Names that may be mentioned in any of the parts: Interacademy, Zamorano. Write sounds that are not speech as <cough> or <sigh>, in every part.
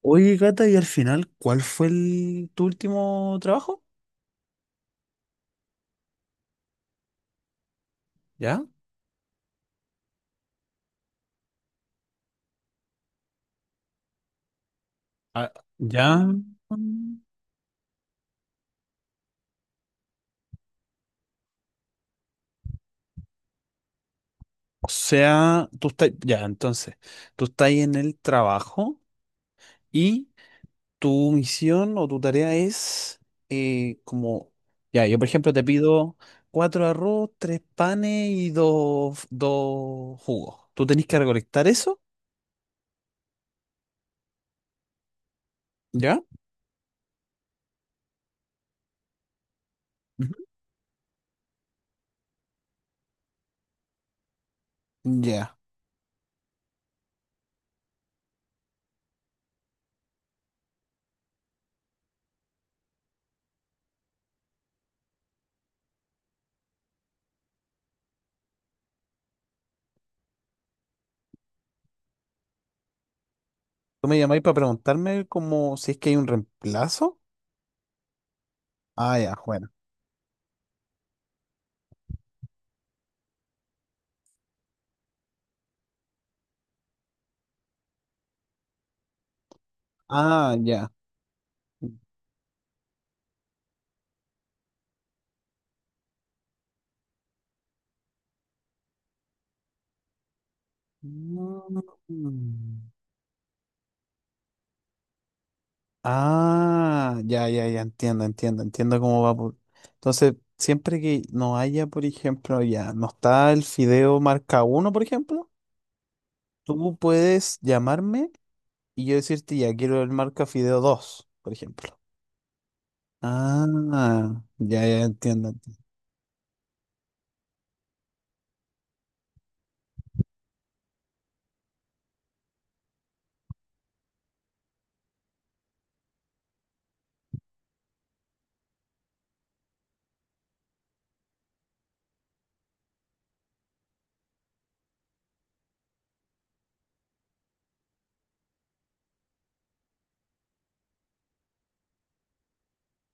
Oye, Cata, y al final, ¿cuál fue tu último trabajo? ¿Ya? Ah, ya. Mm. O sea, tú estás, ya, entonces, tú estás en el trabajo y tu misión o tu tarea es como, ya, yo por ejemplo te pido cuatro arroz, tres panes y dos jugos. Tú tenés que recolectar eso, ¿ya? Ujú. Ya. ¿Tú me llamáis para preguntarme como si es que hay un reemplazo? Ah, ya, bueno. Ah, ya. Mm. Ah, ya, ya, ya, entiendo, entiendo, entiendo cómo va. Entonces, siempre que no haya, por ejemplo, ya, no está el fideo marca uno, por ejemplo, tú puedes llamarme y yo decirte, ya, quiero el marca fideo 2, por ejemplo. Ah, ya, ya, entiendo. Entiendo.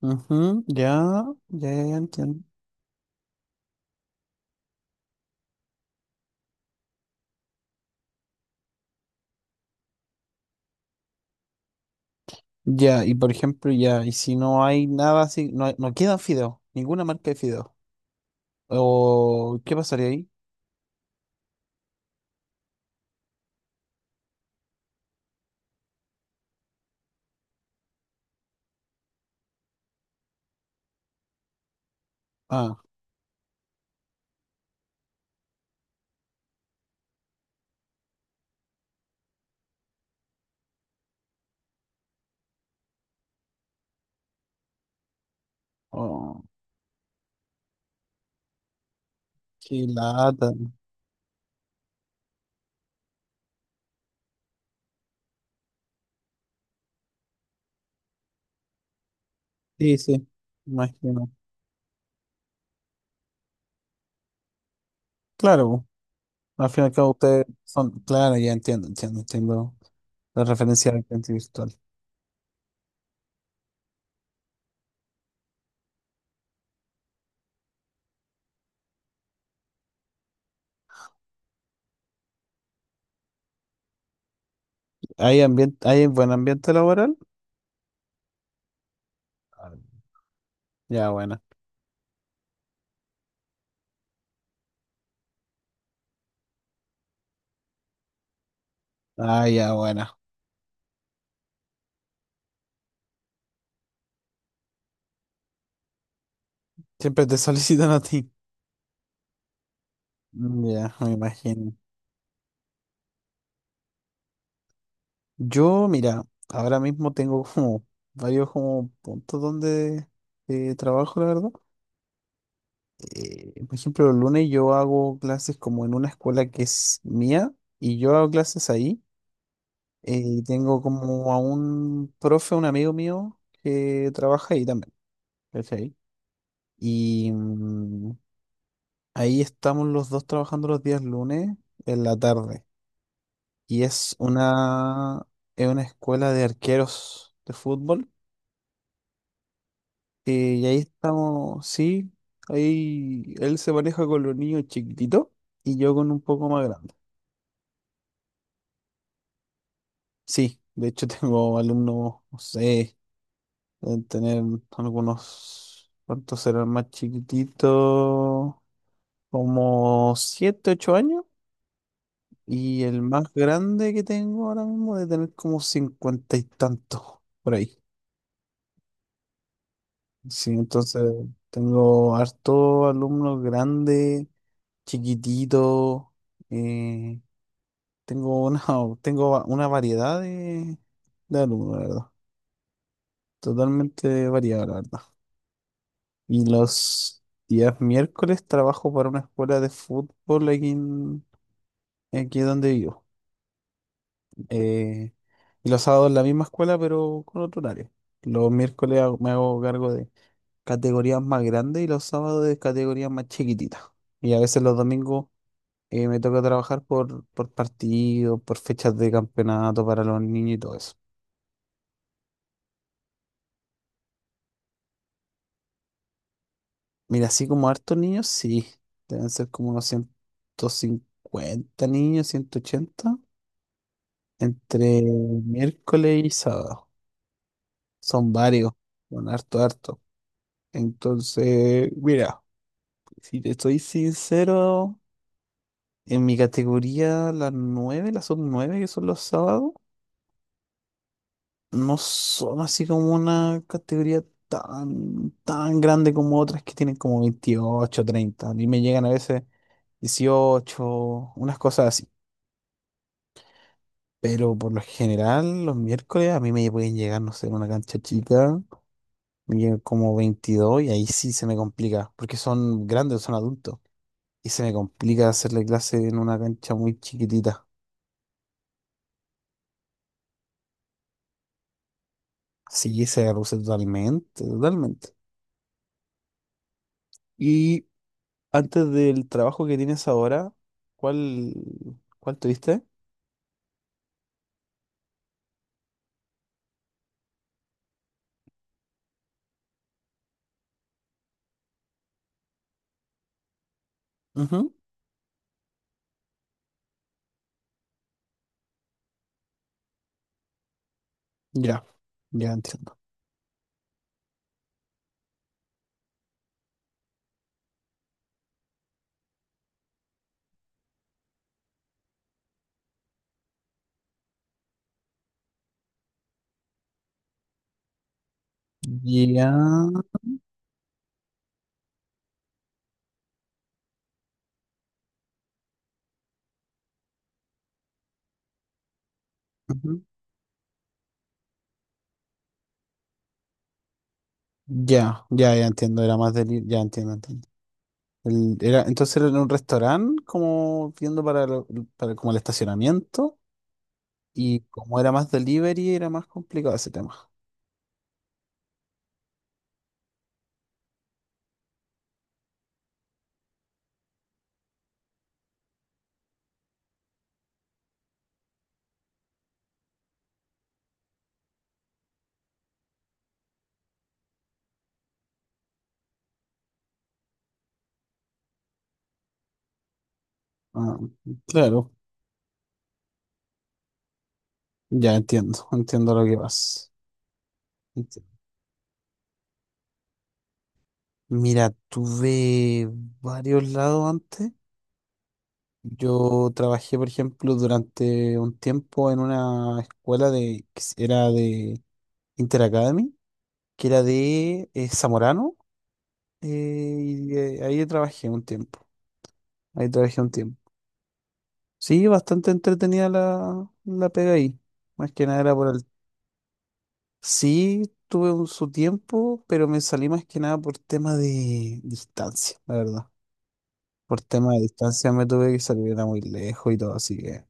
Ujú, ya, ya, ya, ya, entiendo. Ya, y por ejemplo, ya, y si no hay nada así, no, no queda fideo, ninguna marca de fideo. ¿O qué pasaría ahí? Ah. Oh, qué lata. Sí, sí, imagino. Claro, al fin y al cabo ustedes son, claro, ya entiendo, entiendo, entiendo la referencia al ambiente virtual. Hay buen ambiente laboral? Ya, buena. Ah, ya, buena. Siempre te <laughs> solicitan a ti. Mm. Ya, me imagino. Yo, mira, ahora mismo tengo como varios como puntos donde trabajo, la verdad. Por ejemplo, el lunes yo hago clases como en una escuela que es mía y yo hago clases ahí. Y tengo como a un profe, un amigo mío, que trabaja ahí también, ¿cachai? Y ahí estamos los dos trabajando los días lunes en la tarde. Y es una escuela de arqueros de fútbol. eh, y ahí estamos, sí, ahí él se maneja con los niños chiquititos y yo con un poco más grande. Sí, de hecho <laughs> tengo alumnos, no sé. Deben tener algunos, ¿cuántos serán más chiquititos? Como 7 8 años. Y el más grande que tengo ahora mismo debe tener como 50 y tantos, por ahí. Sí, entonces tengo harto alumnos grandes, chiquititos. eh, Tengo una, <laughs> tengo una variedad de alumnos, la verdad. Totalmente variada, la verdad. Y los días miércoles trabajo para una escuela de fútbol aquí, aquí donde vivo. Eh, y los sábados en la misma escuela, pero con otro horario. Los miércoles me hago cargo de categorías más grandes y los sábados de categorías más chiquititas. Y a veces los domingos me toca trabajar por partido, por fechas de campeonato para los niños y todo eso. Mira, así como hartos niños, sí. Deben ser como unos 150 niños, 180. Entre miércoles y sábado. Son varios. Son harto, harto. Entonces, mira, si te estoy sincero, en mi categoría, las sub 9 que son los sábados, no son así como una categoría tan, tan grande como otras que tienen como 28, 30. A mí me llegan a veces 18, unas cosas así. Pero por lo general, los miércoles a mí me pueden llegar, no sé, una cancha chica. Yo como 22 y ahí sí se me complica, porque son grandes, son adultos. Y se me complica hacerle clase en una cancha muy chiquitita. Sí, se reduce totalmente, totalmente. Y antes del trabajo que tienes ahora, ¿cuál, cuál tuviste? Ujú, ya, ya entiendo. Ya, ujú, ya, ya, ya entiendo, era más del. Ya entiendo, entiendo. Era, entonces era en un restaurante, como viendo para como el estacionamiento. Y como era más delivery, era más complicado ese tema. Ah, claro, ya entiendo, entiendo lo que vas. Enti- Mira, tuve varios lados antes. Yo trabajé, por ejemplo, durante un tiempo en una escuela de, que era de Interacademy, que era de Zamorano, y ahí trabajé un tiempo. Ahí trabajé un tiempo. Sí, bastante entretenida la pega ahí. Más que nada era por el. Sí, tuve su tiempo, pero me salí más que nada por tema de distancia, la verdad. Por tema de distancia me tuve que salir, era muy lejos y todo, así que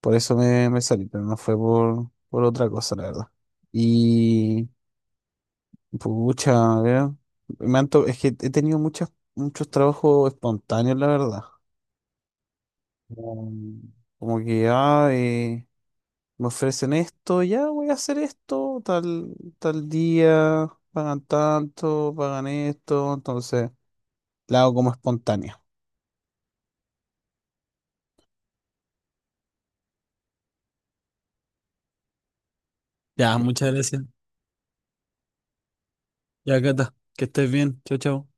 por eso me salí, pero no fue por otra cosa, la verdad. Y, pucha, a ver, es que he tenido muchos trabajos espontáneos, la verdad. Como, como que, ya, me ofrecen esto, ya voy a hacer esto, tal, tal día, pagan tanto, pagan esto, entonces la hago como espontánea. Ya, muchas gracias. Ya, Cata, que estés bien. Chao, chao.